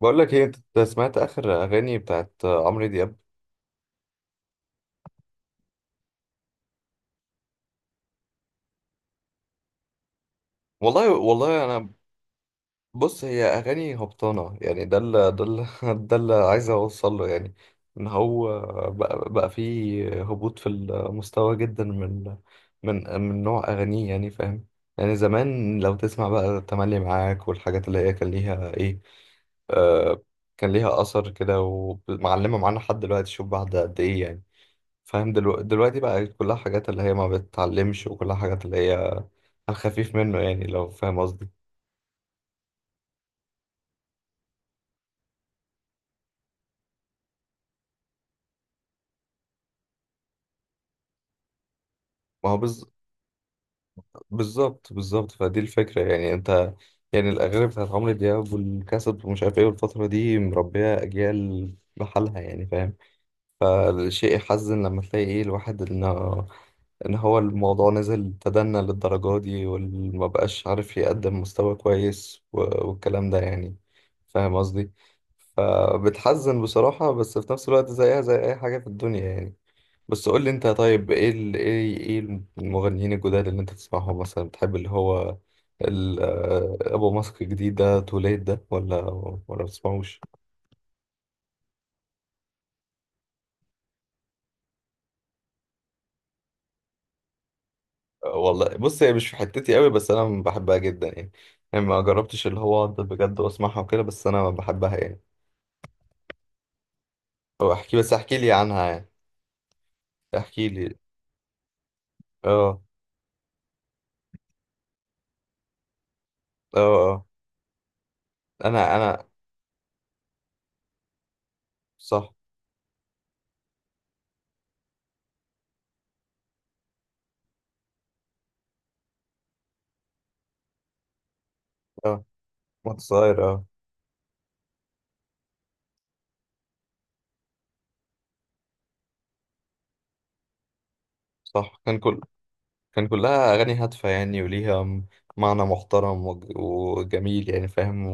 بقول لك ايه، انت سمعت اخر اغاني بتاعت عمرو دياب؟ والله انا. بص، هي اغاني هبطانه يعني. ده اللي ده اللي ده اللي عايز اوصل له يعني. ان هو بقى فيه هبوط في المستوى جدا من نوع اغانيه، يعني فاهم. يعني زمان لو تسمع بقى تملي معاك والحاجات اللي هي كان ليها ايه، آه كان ليها اثر كده ومعلمه معانا لحد دلوقتي. شوف بعد قد ايه يعني، فاهم. دلوقتي بقى كلها حاجات اللي هي ما بتتعلمش، وكلها حاجات اللي هي على الخفيف منه، يعني لو فاهم قصدي. ما هو بالظبط بالظبط، فدي الفكرة يعني. انت يعني الأغاني بتاعت عمرو دياب والكاسب ومش عارف ايه، والفترة دي مربية أجيال بحالها، يعني فاهم. فالشيء يحزن لما تلاقي ايه، الواحد انه ان هو الموضوع نزل تدنى للدرجة دي وما بقاش عارف يقدم مستوى كويس والكلام ده يعني، فاهم قصدي. فبتحزن بصراحة، بس في نفس الوقت زيها زي اي حاجة في الدنيا يعني. بس قول لي انت طيب، ايه ايه ايه المغنيين الجداد اللي انت تسمعهم مثلا، بتحب اللي هو ال... آه، ابو ماسك الجديد ده، توليد ده، ولا بتسمعوش؟ والله بص، هي مش في حتتي قوي بس انا بحبها جدا يعني. يعني ما جربتش اللي هو اقعد بجد واسمعها وكده، بس انا بحبها يعني. او احكي، بس احكي لي عنها يعني. احكي لي. اه، اه، اه. انا صح. اه، وأنت صغير، اه. صح، كان كلها اغاني هادفه يعني، وليها معنى محترم وجميل يعني فاهم.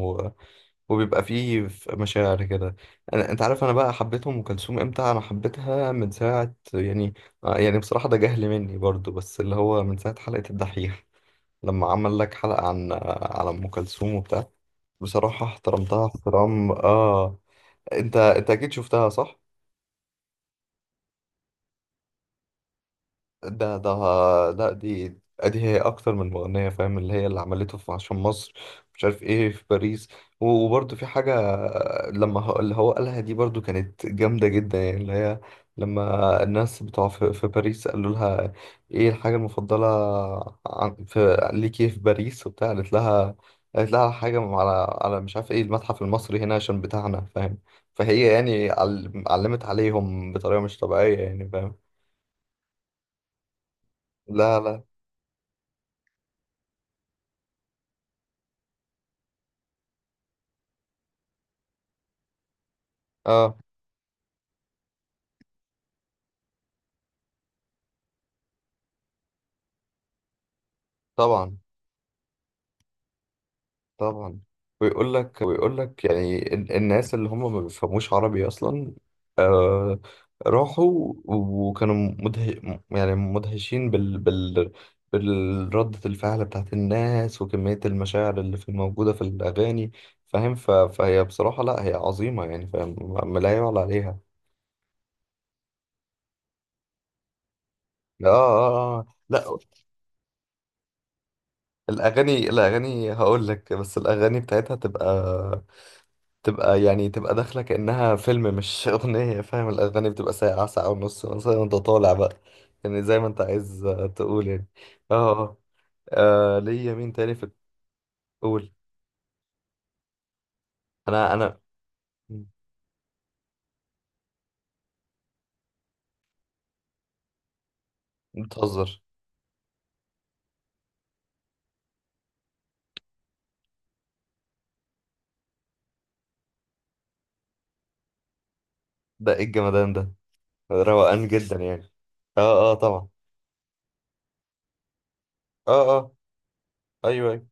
وبيبقى فيه مشاعر كده. انا، انت عارف انا بقى حبيت ام كلثوم امتى؟ انا حبيتها من ساعه يعني. يعني بصراحه ده جهل مني برضو، بس اللي هو من ساعه حلقه الدحيح، لما عمل لك حلقه عن على ام كلثوم وبتاع. بصراحه احترمتها احترام، اه. انت انت اكيد شفتها صح؟ ده ده لا، دي هي اكتر من مغنية فاهم. اللي هي اللي عملته في عشان مصر، مش عارف ايه، في باريس. وبرده في حاجة لما اللي هو قالها دي، برضو كانت جامدة جدا يعني. اللي هي لما الناس بتوع في باريس قالوا لها ايه الحاجة المفضلة في ليكي في باريس وبتاع، قالت لها، قالت لها حاجة على على مش عارف ايه المتحف المصري هنا عشان بتاعنا فاهم. فهي يعني علمت عليهم بطريقة مش طبيعية يعني فاهم. لا، لا. اه طبعا، طبعا. ويقول لك يعني الناس اللي هم ما بيفهموش عربي اصلا، آه. راحوا وكانوا يعني مدهشين بالردة الفعل بتاعت الناس وكمية المشاعر اللي في موجودة في الأغاني فاهم. فهي بصراحة لا، هي عظيمة يعني فاهم. ما لا يعلى عليها. اه، اه. آه. آه. لا. الأغاني هقول لك، بس الأغاني بتاعتها تبقى، تبقى داخلة كأنها فيلم، مش أغنية فاهم. الأغاني بتبقى ساعة، ساعة ونص مثلا. أنت طالع بقى يعني زي ما أنت عايز، تقول يعني. اه. اه. آه، آه، ليا مين تاني في الأول. أنا بتهزر. ده إيه الجمدان ده؟ روقان جدا يعني. اه، اه، طبعا. اه، اه، أيوه، أيوه.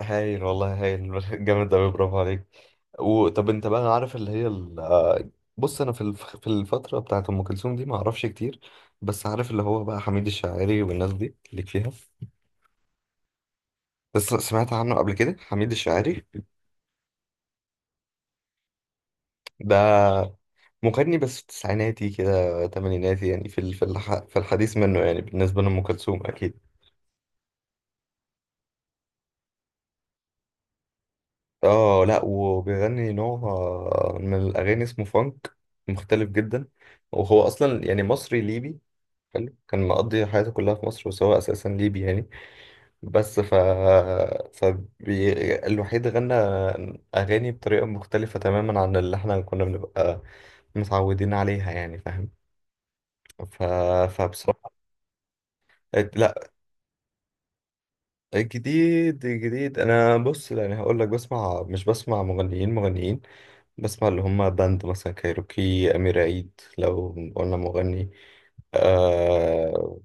هايل والله، هايل جامد أوي، برافو عليك. وطب أنت بقى عارف اللي هي، بص انا في في الفتره بتاعت ام كلثوم دي ما اعرفش كتير. بس عارف اللي هو بقى حميد الشاعري والناس دي، ليك فيها؟ بس سمعت عنه قبل كده، حميد الشاعري ده مغني، بس في تسعيناتي كده، تمانيناتي يعني. في الحديث منه يعني، بالنسبه لام كلثوم اكيد. اه، لا. وبيغني نوع من الاغاني اسمه فانك، مختلف جدا. وهو اصلا يعني مصري ليبي حلو، كان مقضي حياته كلها في مصر، بس هو اساسا ليبي يعني. بس فبي... الوحيد غنى أغاني بطريقة مختلفة تماما عن اللي احنا كنا بنبقى متعودين عليها يعني فاهم. ف... فبصراحة، لا. جديد أنا بص يعني هقول لك، بسمع مش بسمع مغنيين. بسمع اللي هم باند مثلا، كايروكي، أمير عيد لو قلنا مغني، آه.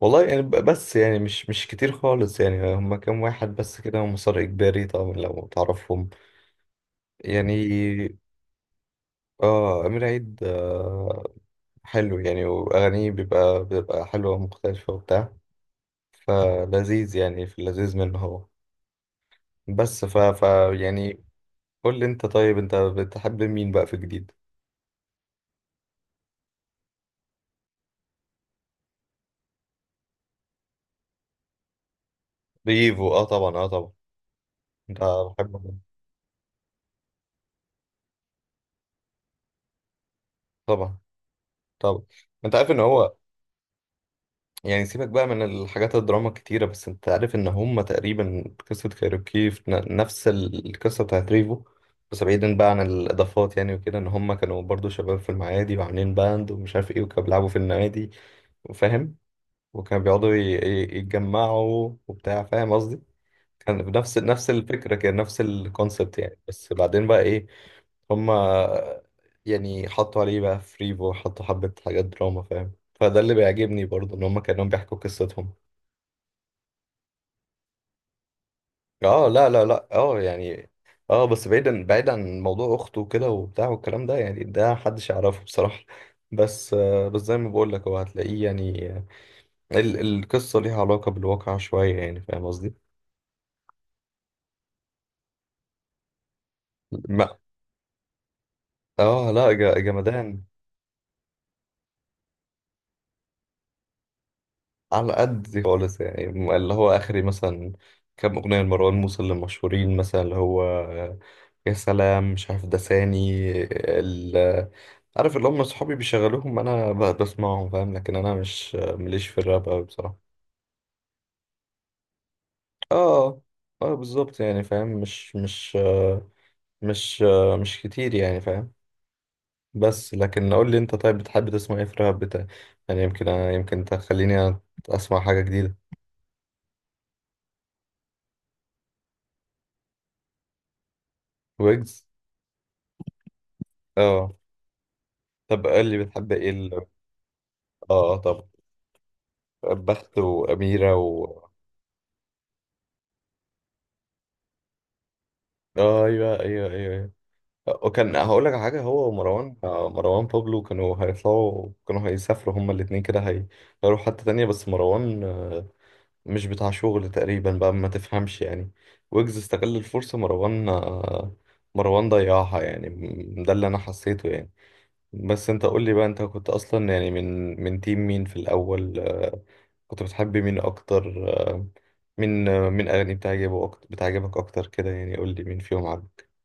والله يعني بس يعني مش كتير خالص يعني. هم كام واحد بس كده ومسار إجباري طبعا لو تعرفهم يعني. اه، أمير عيد، آه. حلو يعني، وأغانيه بيبقى بتبقى حلوة ومختلفة وبتاع. فلذيذ يعني، في اللذيذ منه هو. بس ف, ف يعني قول لي أنت طيب، أنت بتحب مين بقى في جديد؟ ريفو، اه طبعا، اه طبعا. أنت بحبه. طبعا. طبعا. أنت عارف إن هو، يعني سيبك بقى من الحاجات الدراما الكتيرة، بس انت عارف ان هما تقريبا قصة كايروكي في نفس القصة بتاعت ريفو. بس بعيدا بقى عن الإضافات يعني وكده، ان هما كانوا برضو شباب في المعادي وعاملين باند ومش عارف ايه، وكانوا بيلعبوا في النوادي فاهم. وكانوا بيقعدوا يتجمعوا وبتاع، فاهم قصدي. كان بنفس نفس الفكرة، كان نفس الكونسبت يعني. بس بعدين بقى ايه، هما يعني حطوا عليه بقى فريبو، حطوا حبة حاجات دراما فاهم. فده اللي بيعجبني برضه، ان هما كانوا بيحكوا قصتهم. اه، لا، لا، لا، اه يعني. اه، بس بعيدا، بعيدا عن موضوع اخته وكده وبتاع والكلام ده يعني، ده محدش يعرفه بصراحة. بس بس زي ما بقول لك، هو هتلاقيه يعني القصة ليها علاقة بالواقع شوية يعني، فاهم قصدي؟ ما، اه لا، جمدان. على قد خالص يعني، اللي هو آخري مثلا كام أغنية لمروان موسى اللي مشهورين مثلا، اللي هو يا سلام، مش عارف، دساني، ال عارف اللي هم صحابي بيشغلوهم، أنا بسمعهم فاهم، لكن أنا مش مليش في الراب أوي بصراحة. اه، اه، بالظبط يعني فاهم. مش كتير يعني فاهم. بس لكن قول لي انت طيب، بتحب تسمع ايه في الراب بتاع؟ يعني يمكن تخليني اسمع حاجة جديدة. ويجز. اه طب، قال لي بتحب ايه اه طب. بخت وأميرة و، آه ايوه، ايوه، ايوه، ايوه. وكان هقول لك على حاجة، هو ومروان، مروان بابلو، كانوا هيطلعوا، كانوا هيسافروا، هما الاتنين كده. هيروحوا حتة تانية، بس مروان، مش بتاع شغل تقريبا بقى ما تفهمش يعني. ويجز استغل الفرصة، مروان ضيعها يعني. ده اللي انا حسيته يعني. بس انت قول لي بقى، انت كنت اصلا يعني من تيم مين في الاول، كنت بتحب مين اكتر، مين اغاني بتعجبه اكتر بتعجبك اكتر كده يعني، قول لي مين فيهم عجبك.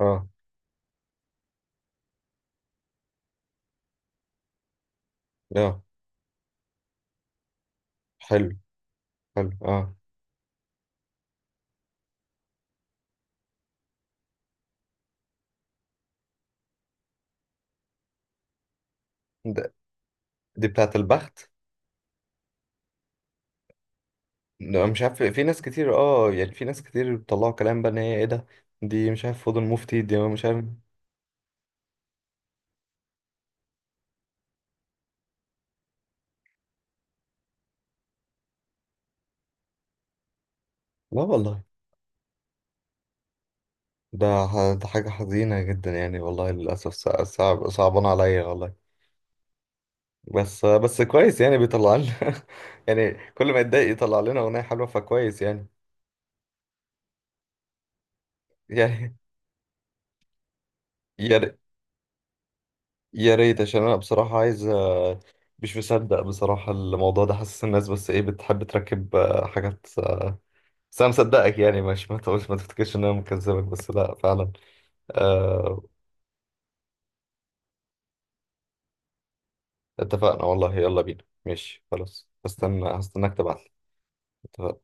اه، اه، حلو، حلو، اه. ده دي بتاعه البخت. لا، مش عارف. في ناس كتير اه يعني، في ناس كتير بيطلعوا كلام بقى، ان هي ايه ده، دي مش عارف، فضل مفتي دي، مش عارف. لا والله. ده حاجة حزينة جدا يعني والله، للأسف صعب، صعبان عليا والله. بس كويس يعني، بيطلع لنا يعني كل ما يتضايق يطلع لنا أغنية حلوة، فكويس يعني. يعني يا ر- يا ريت عشان أنا بصراحة عايز، مش مصدق بصراحة الموضوع ده. حاسس الناس بس إيه بتحب تركب، حاجات، بس أنا مصدقك يعني، مش ما تقولش ما تفتكرش إن أنا مكذبك، بس لأ فعلا. آه، اتفقنا والله، يلا بينا، ماشي خلاص. هستناك تبعتلي. اتفقنا.